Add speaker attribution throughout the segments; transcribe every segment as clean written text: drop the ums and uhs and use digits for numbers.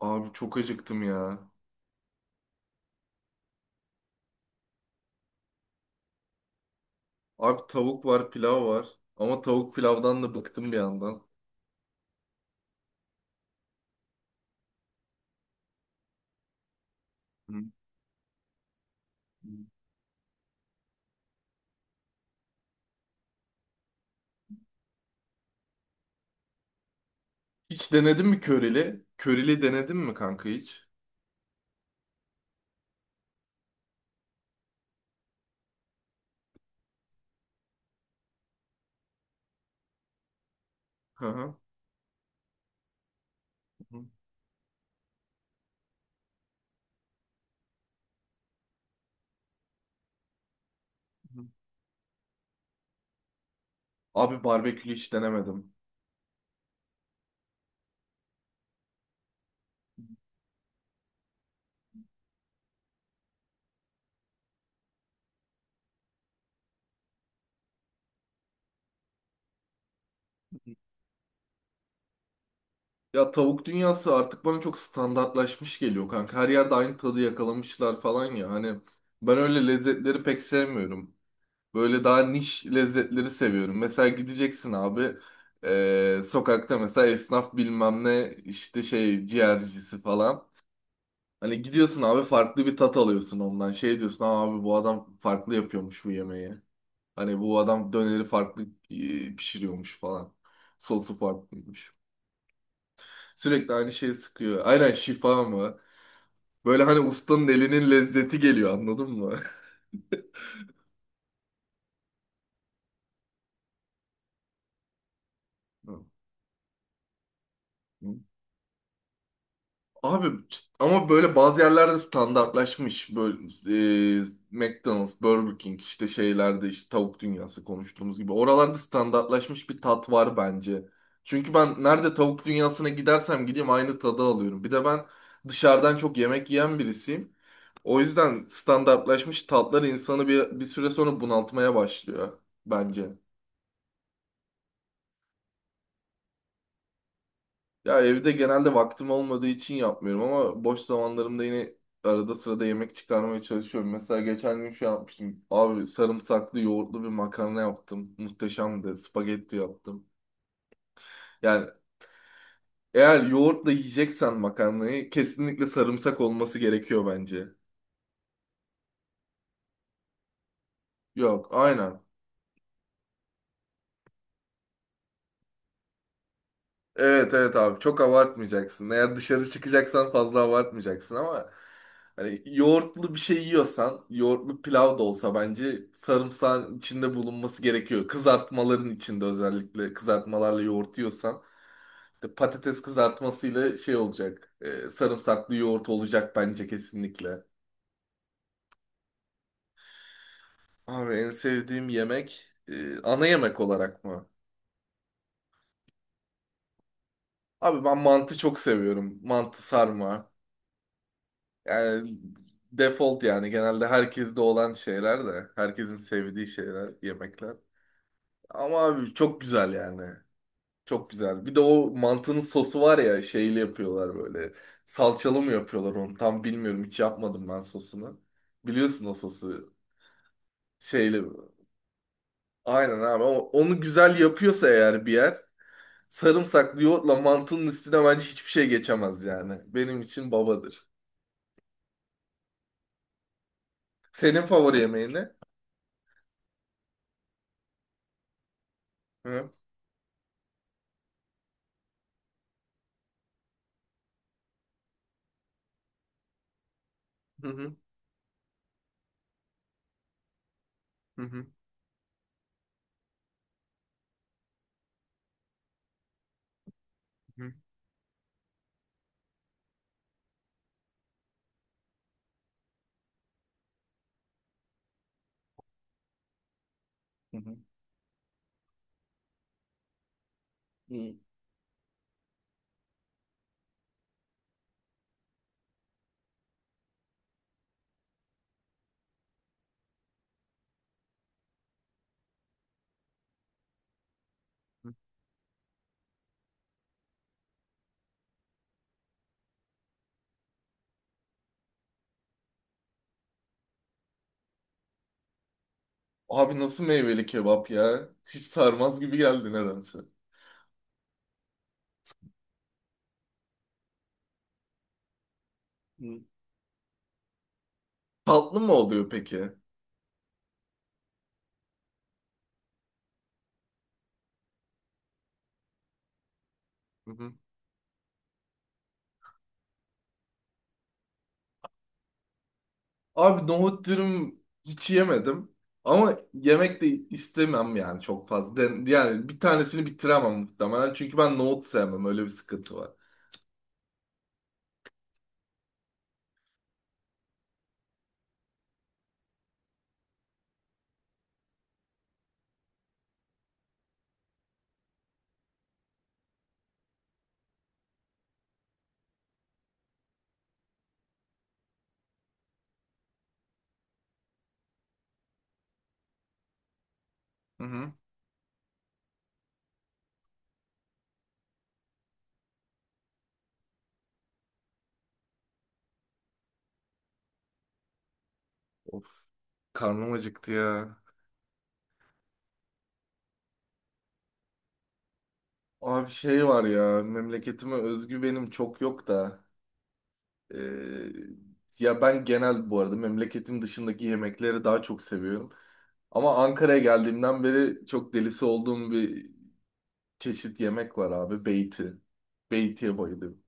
Speaker 1: Abi çok acıktım ya. Abi tavuk var, pilav var. Ama tavuk pilavdan da bıktım bir yandan. Hı. Hiç denedin mi körili? Körili denedin mi kanka hiç? Hı hı. Hı hı. Abi barbekülü hiç denemedim. Hı. Ya tavuk dünyası artık bana çok standartlaşmış geliyor kanka. Her yerde aynı tadı yakalamışlar falan ya. Hani ben öyle lezzetleri pek sevmiyorum. Böyle daha niş lezzetleri seviyorum. Mesela gideceksin abi sokakta mesela esnaf bilmem ne işte şey ciğercisi falan. Hani gidiyorsun abi farklı bir tat alıyorsun ondan. Şey diyorsun "Aa abi bu adam farklı yapıyormuş bu yemeği. Hani bu adam döneri farklı pişiriyormuş falan. Sosu farklıymış. Sürekli aynı şeyi sıkıyor. Aynen şifa mı? Böyle hani ustanın elinin lezzeti geliyor anladın mı? Abi ama böyle bazı yerlerde standartlaşmış. Böyle e, McDonald's, Burger King işte şeylerde işte tavuk dünyası konuştuğumuz gibi. Oralarda standartlaşmış bir tat var bence. Çünkü ben nerede tavuk dünyasına gidersem gideyim aynı tadı alıyorum. Bir de ben dışarıdan çok yemek yiyen birisiyim. O yüzden standartlaşmış tatlar insanı bir süre sonra bunaltmaya başlıyor bence. Ya evde genelde vaktim olmadığı için yapmıyorum ama boş zamanlarımda yine arada sırada yemek çıkarmaya çalışıyorum. Mesela geçen gün şey yapmıştım. Abi sarımsaklı yoğurtlu bir makarna yaptım. Muhteşemdi. Spagetti yaptım. Yani eğer yoğurtla yiyeceksen makarnayı kesinlikle sarımsak olması gerekiyor bence. Yok, aynen. Evet evet abi çok abartmayacaksın. Eğer dışarı çıkacaksan fazla abartmayacaksın ama hani yoğurtlu bir şey yiyorsan yoğurtlu pilav da olsa bence sarımsağın içinde bulunması gerekiyor. Kızartmaların içinde özellikle kızartmalarla yoğurt yiyorsan işte patates kızartmasıyla şey olacak. Sarımsaklı yoğurt olacak bence kesinlikle. Abi en sevdiğim yemek ana yemek olarak mı? Abi ben mantı çok seviyorum. Mantı sarma. Yani default yani genelde herkeste olan şeyler de herkesin sevdiği şeyler yemekler. Ama abi çok güzel yani. Çok güzel. Bir de o mantının sosu var ya şeyli yapıyorlar böyle. Salçalı mı yapıyorlar onu? Tam bilmiyorum. Hiç yapmadım ben sosunu. Biliyorsun o sosu. Şeyli. Aynen abi. Onu güzel yapıyorsa eğer bir yer sarımsaklı yoğurtla mantının üstüne bence hiçbir şey geçemez yani. Benim için babadır. Senin favori yemeğin ne? Hı hı hı hı. Hı hı. Hı. Hı. Abi nasıl meyveli kebap ya? Hiç sarmaz gibi geldi nedense. Hı. Tatlı mı oluyor peki? Hı hı. Abi nohut dürüm hiç yemedim. Ama yemek de istemem yani çok fazla. Yani bir tanesini bitiremem muhtemelen. Çünkü ben nohut sevmem. Öyle bir sıkıntı var. Hı hı. Of. Karnım acıktı ya. Abi şey var ya. Memleketime özgü benim çok yok da. Ee, ya ben genel bu arada memleketin dışındaki yemekleri daha çok seviyorum. Ama Ankara'ya geldiğimden beri çok delisi olduğum bir çeşit yemek var abi. Beyti. Beyti'ye bayılıyorum.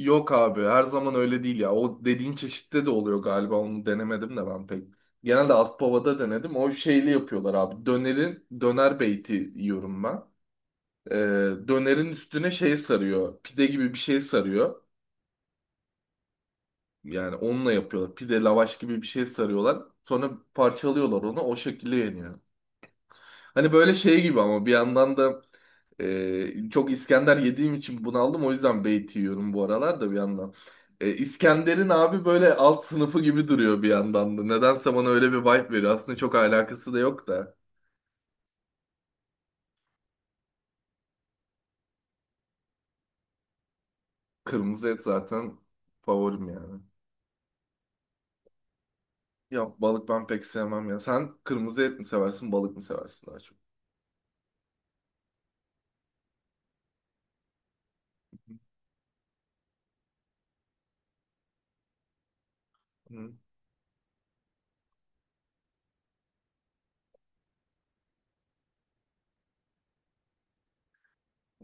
Speaker 1: Yok abi her zaman öyle değil ya. O dediğin çeşitte de oluyor galiba. Onu denemedim de ben pek. Genelde Aspava'da denedim. O şeyli yapıyorlar abi. Döner beyti yiyorum ben. Ee, dönerin üstüne şey sarıyor. Pide gibi bir şey sarıyor. Yani onunla yapıyorlar. Pide lavaş gibi bir şey sarıyorlar. Sonra parçalıyorlar onu. O şekilde yeniyor. Hani böyle şey gibi ama bir yandan da çok İskender yediğim için bunaldım. O yüzden beyti yiyorum bu aralar da bir yandan. İskender'in abi böyle alt sınıfı gibi duruyor bir yandan da. Nedense bana öyle bir vibe veriyor. Aslında çok alakası da yok da. Kırmızı et zaten favorim yani. Ya balık ben pek sevmem ya. Sen kırmızı et mi seversin, balık mı seversin daha çok? Hı.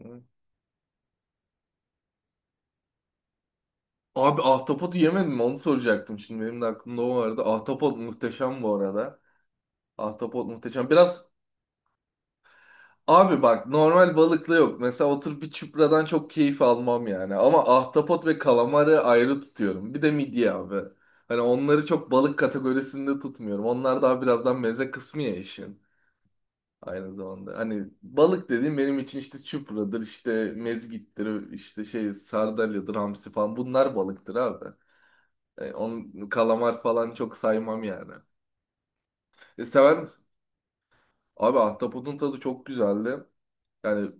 Speaker 1: Hı. Abi ahtapotu yemedim mi? Onu soracaktım şimdi. Benim de aklımda o vardı. Ahtapot muhteşem bu arada. Ahtapot muhteşem. Biraz abi bak normal balıkla yok. Mesela oturup bir çupradan çok keyif almam yani. Ama ahtapot ve kalamarı ayrı tutuyorum. Bir de midye abi. Hani onları çok balık kategorisinde tutmuyorum. Onlar daha birazdan meze kısmı ya işin. Aynı zamanda. Hani balık dediğim benim için işte çupradır, işte mezgittir, işte şey sardalyadır, hamsi falan. Bunlar balıktır abi. Onun kalamar falan çok saymam yani. Sever misin? Abi ahtapotun tadı çok güzeldi. Yani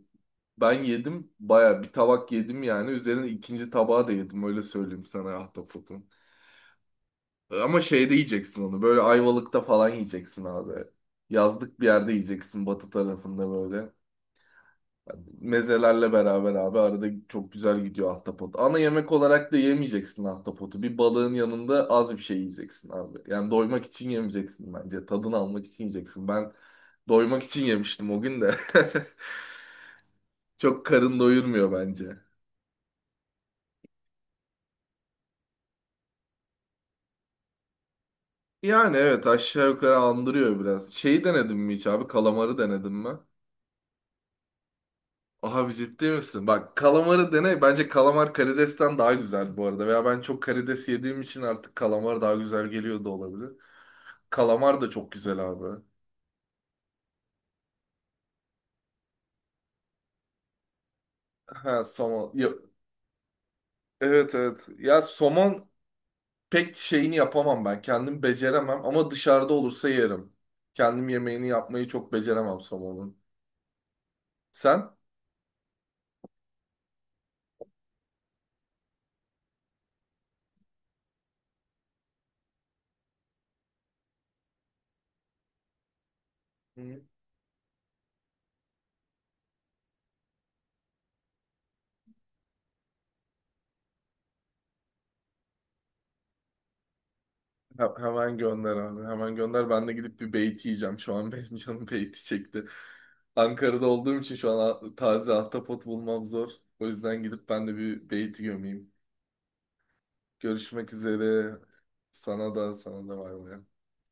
Speaker 1: ben yedim baya bir tabak yedim yani. Üzerine ikinci tabağı da yedim öyle söyleyeyim sana ahtapotun. Ama şeyde yiyeceksin onu böyle Ayvalık'ta falan yiyeceksin abi. Yazlık bir yerde yiyeceksin batı tarafında böyle. Mezelerle beraber abi arada çok güzel gidiyor ahtapot. Ana yemek olarak da yemeyeceksin ahtapotu. Bir balığın yanında az bir şey yiyeceksin abi. Yani doymak için yemeyeceksin bence. Tadını almak için yiyeceksin. Ben doymak için yemiştim o gün de. Çok karın doyurmuyor bence. Yani evet aşağı yukarı andırıyor biraz. Şeyi denedin mi hiç abi? Kalamarı denedin mi? Abi ciddi misin? Bak kalamarı dene. Bence kalamar karidesten daha güzel bu arada. Veya ben çok karides yediğim için artık kalamar daha güzel geliyor da olabilir. Kalamar da çok güzel abi. Ha somon. Evet evet. Ya somon pek şeyini yapamam ben. Kendim beceremem ama dışarıda olursa yerim. Kendim yemeğini yapmayı çok beceremem somonun. Sen? Hı. Hemen gönder abi. Hemen gönder. Ben de gidip bir beyti yiyeceğim. Şu an benim canım beyti çekti. Ankara'da olduğum için şu an taze ahtapot bulmam zor. O yüzden gidip ben de bir beyti gömeyim. Görüşmek üzere. Sana da sana da bay bay.